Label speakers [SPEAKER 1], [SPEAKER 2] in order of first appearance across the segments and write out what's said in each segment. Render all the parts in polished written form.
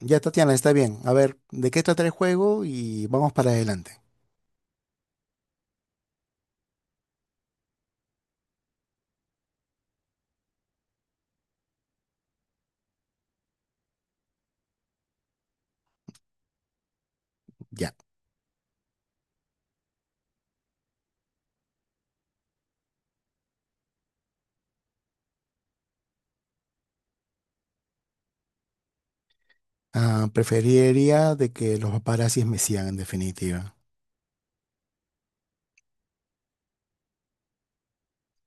[SPEAKER 1] Ya, Tatiana, está bien. A ver, ¿de qué trata el juego? Y vamos para adelante. Ya. Ah, preferiría de que los paparazzis me sigan, en definitiva.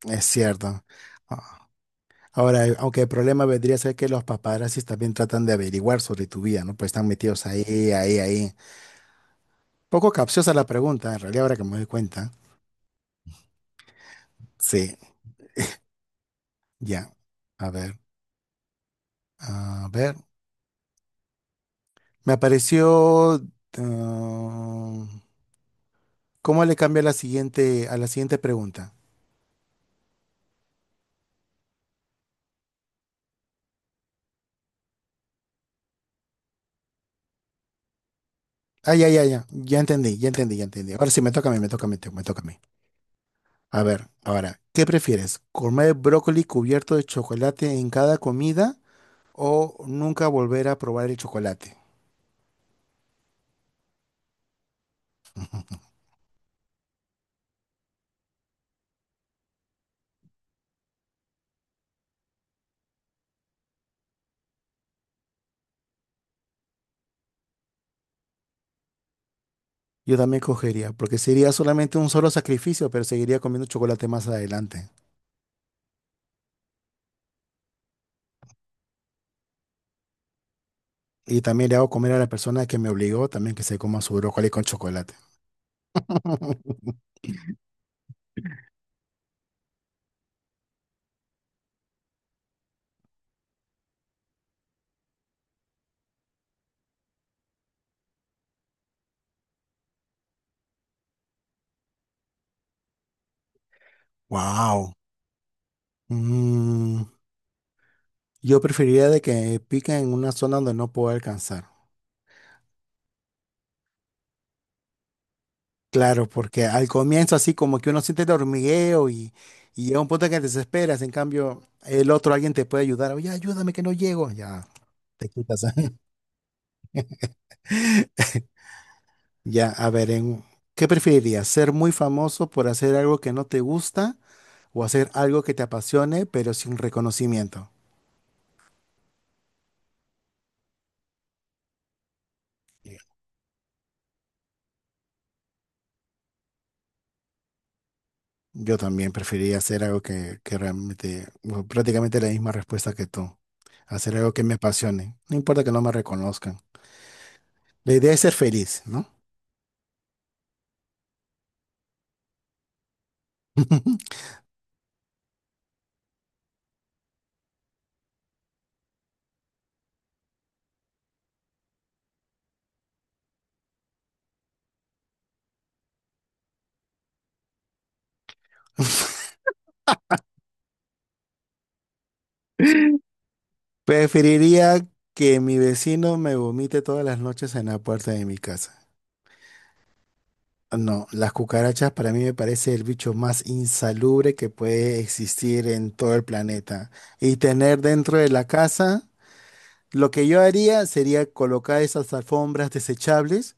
[SPEAKER 1] Es cierto. Ah, Ahora, aunque el problema vendría a ser que los paparazzis también tratan de averiguar sobre tu vida, ¿no? Pues están metidos ahí, ahí. Poco capciosa la pregunta, en realidad, ahora que me doy cuenta. Sí, ya. A ver, a ver. Me apareció... ah, ¿cómo le cambio a la siguiente pregunta? Ah, ya, ya, ya. Ya entendí, ya entendí, ya entendí. Ahora sí, me toca a mí, me toca a mí, me toca a mí. A ver, ahora, ¿qué prefieres? ¿Comer brócoli cubierto de chocolate en cada comida o nunca volver a probar el chocolate? Yo también cogería, porque sería solamente un solo sacrificio, pero seguiría comiendo chocolate más adelante. Y también le hago comer a la persona que me obligó también que se coma su brócoli con chocolate. Wow. Mm, yo preferiría de que pica en una zona donde no puedo alcanzar. Claro, porque al comienzo así como que uno siente el hormigueo y llega un punto en que te desesperas, en cambio el otro alguien te puede ayudar, oye, ayúdame que no llego, ya te quitas. Ya, a ver, ¿qué preferirías? ¿Ser muy famoso por hacer algo que no te gusta o hacer algo que te apasione pero sin reconocimiento? Yeah. Yo también preferiría hacer algo que realmente, bueno, prácticamente la misma respuesta que tú, hacer algo que me apasione, no importa que no me reconozcan. La idea es ser feliz, ¿no? Preferiría que mi vecino me vomite todas las noches en la puerta de mi casa. No, las cucarachas para mí me parece el bicho más insalubre que puede existir en todo el planeta. Y tener dentro de la casa, lo que yo haría sería colocar esas alfombras desechables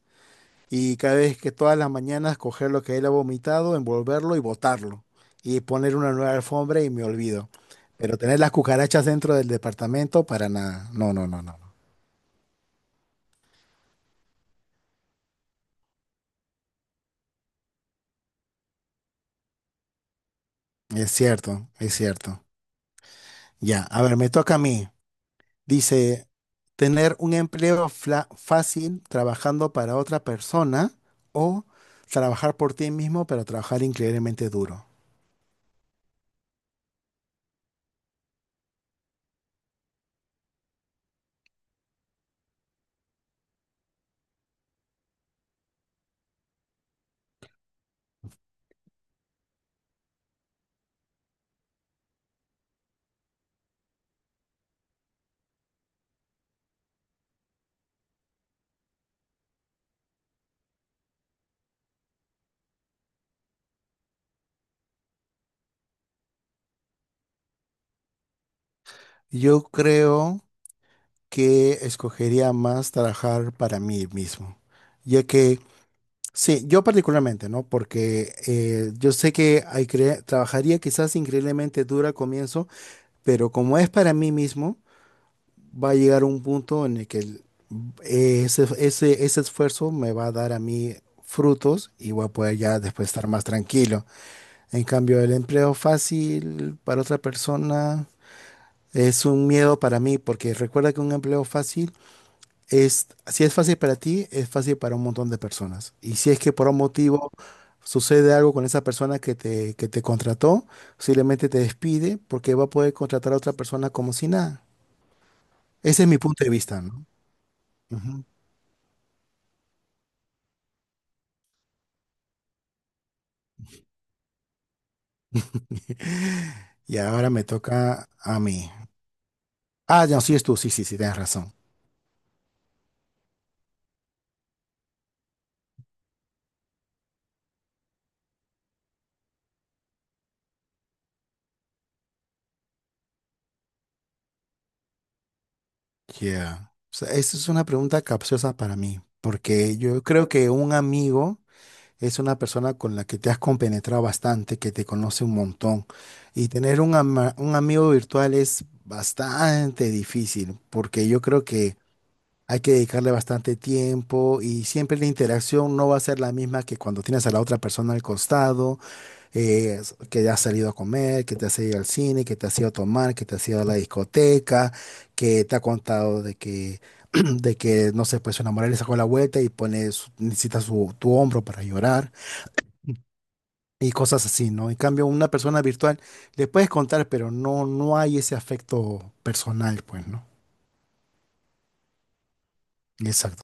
[SPEAKER 1] y cada vez que todas las mañanas coger lo que él ha vomitado, envolverlo y botarlo. Y poner una nueva alfombra y me olvido. Pero tener las cucarachas dentro del departamento, para nada. No, no, no, no. Es cierto, es cierto. Ya, a ver, me toca a mí. Dice, tener un empleo fácil trabajando para otra persona o trabajar por ti mismo, pero trabajar increíblemente duro. Yo creo que escogería más trabajar para mí mismo, ya que, sí, yo particularmente, ¿no? Porque yo sé que hay trabajaría quizás increíblemente duro al comienzo, pero como es para mí mismo, va a llegar un punto en el que ese esfuerzo me va a dar a mí frutos y voy a poder ya después estar más tranquilo. En cambio, el empleo fácil para otra persona es un miedo para mí, porque recuerda que un empleo fácil es, si es fácil para ti, es fácil para un montón de personas. Y si es que por un motivo sucede algo con esa persona que te contrató, simplemente te despide porque va a poder contratar a otra persona como si nada. Ese es mi punto de vista, ¿no? Y ahora me toca a mí. Ah, no, sí es tú, sí, sí, sí, tienes razón. Yeah. O sea, esa es una pregunta capciosa para mí, porque yo creo que un amigo es una persona con la que te has compenetrado bastante, que te conoce un montón. Y tener un, un amigo virtual es bastante difícil, porque yo creo que hay que dedicarle bastante tiempo y siempre la interacción no va a ser la misma que cuando tienes a la otra persona al costado. eh, que has salido a comer, que te has ido al cine, que te has ido a tomar, que te has ido a la discoteca, que te ha contado de que, de que no sé, pues su enamorada le sacó la vuelta y pone, necesita tu hombro para llorar y cosas así, ¿no? En cambio, una persona virtual le puedes contar, pero no hay ese afecto personal, pues, ¿no? Exacto,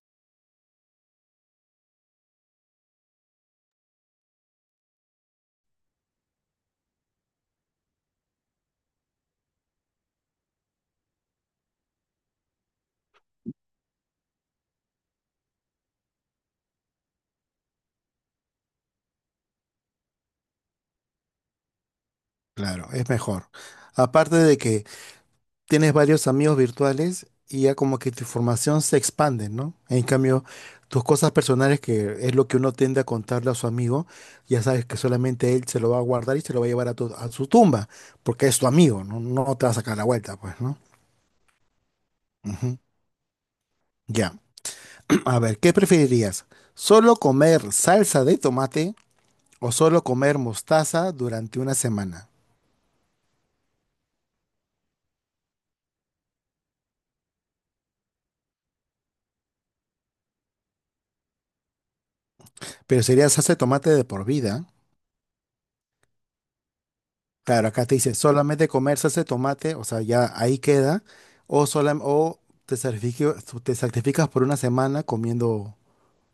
[SPEAKER 1] claro, es mejor. Aparte de que tienes varios amigos virtuales y ya como que tu información se expande, ¿no? En cambio, tus cosas personales, que es lo que uno tiende a contarle a su amigo, ya sabes que solamente él se lo va a guardar y se lo va a llevar a, a su tumba, porque es tu amigo, ¿no? No te va a sacar la vuelta, pues, ¿no? Ujú. Ya, a ver, ¿qué preferirías? ¿Solo comer salsa de tomate o solo comer mostaza durante una semana? Pero sería salsa de tomate de por vida. Claro, acá te dice solamente comer salsa de tomate, o sea, ya ahí queda, o te sacrificas por una semana comiendo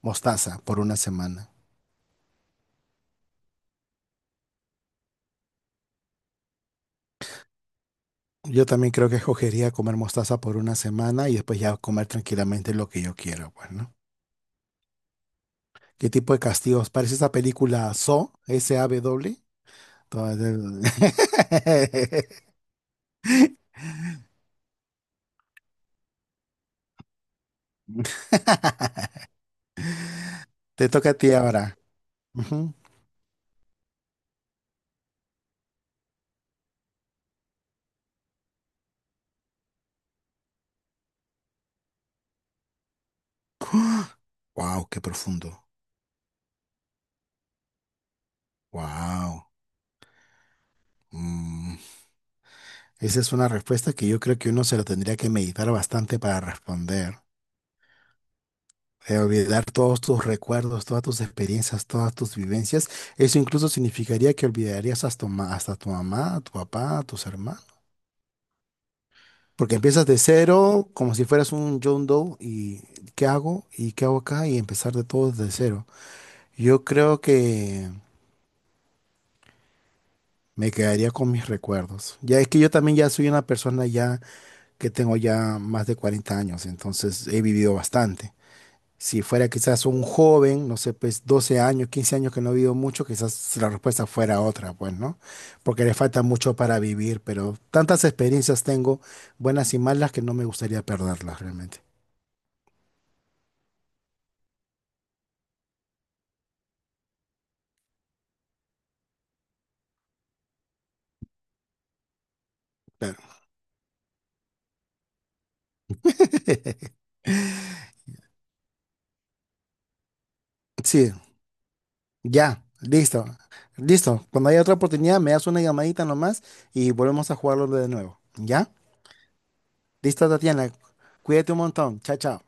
[SPEAKER 1] mostaza por una semana. Yo también creo que escogería comer mostaza por una semana y después ya comer tranquilamente lo que yo quiero, pues, ¿no? ¿Qué tipo de castigos? Parece esa película Saw, SAW. Toda- Te toca a ti ahora. Wow, qué profundo. Wow. Esa es una respuesta que yo creo que uno se lo tendría que meditar bastante para responder. Olvidar todos tus recuerdos, todas tus experiencias, todas tus vivencias. Eso incluso significaría que olvidarías hasta, hasta tu mamá, tu papá, tus hermanos. Porque empiezas de cero, como si fueras un John Doe, y ¿qué hago? ¿Y qué hago acá? Y empezar de todo desde cero. Yo creo que me quedaría con mis recuerdos. Ya es que yo también ya soy una persona ya que tengo ya más de 40 años, entonces he vivido bastante. Si fuera quizás un joven, no sé, pues 12 años, 15 años que no ha vivido mucho, quizás si la respuesta fuera otra, pues, ¿no? Porque le falta mucho para vivir, pero tantas experiencias tengo, buenas y malas, que no me gustaría perderlas realmente. Claro. Sí, ya, listo, listo. Cuando haya otra oportunidad, me das una llamadita nomás y volvemos a jugarlo de nuevo. ¿Ya? Listo, Tatiana. Cuídate un montón. Chao, chao.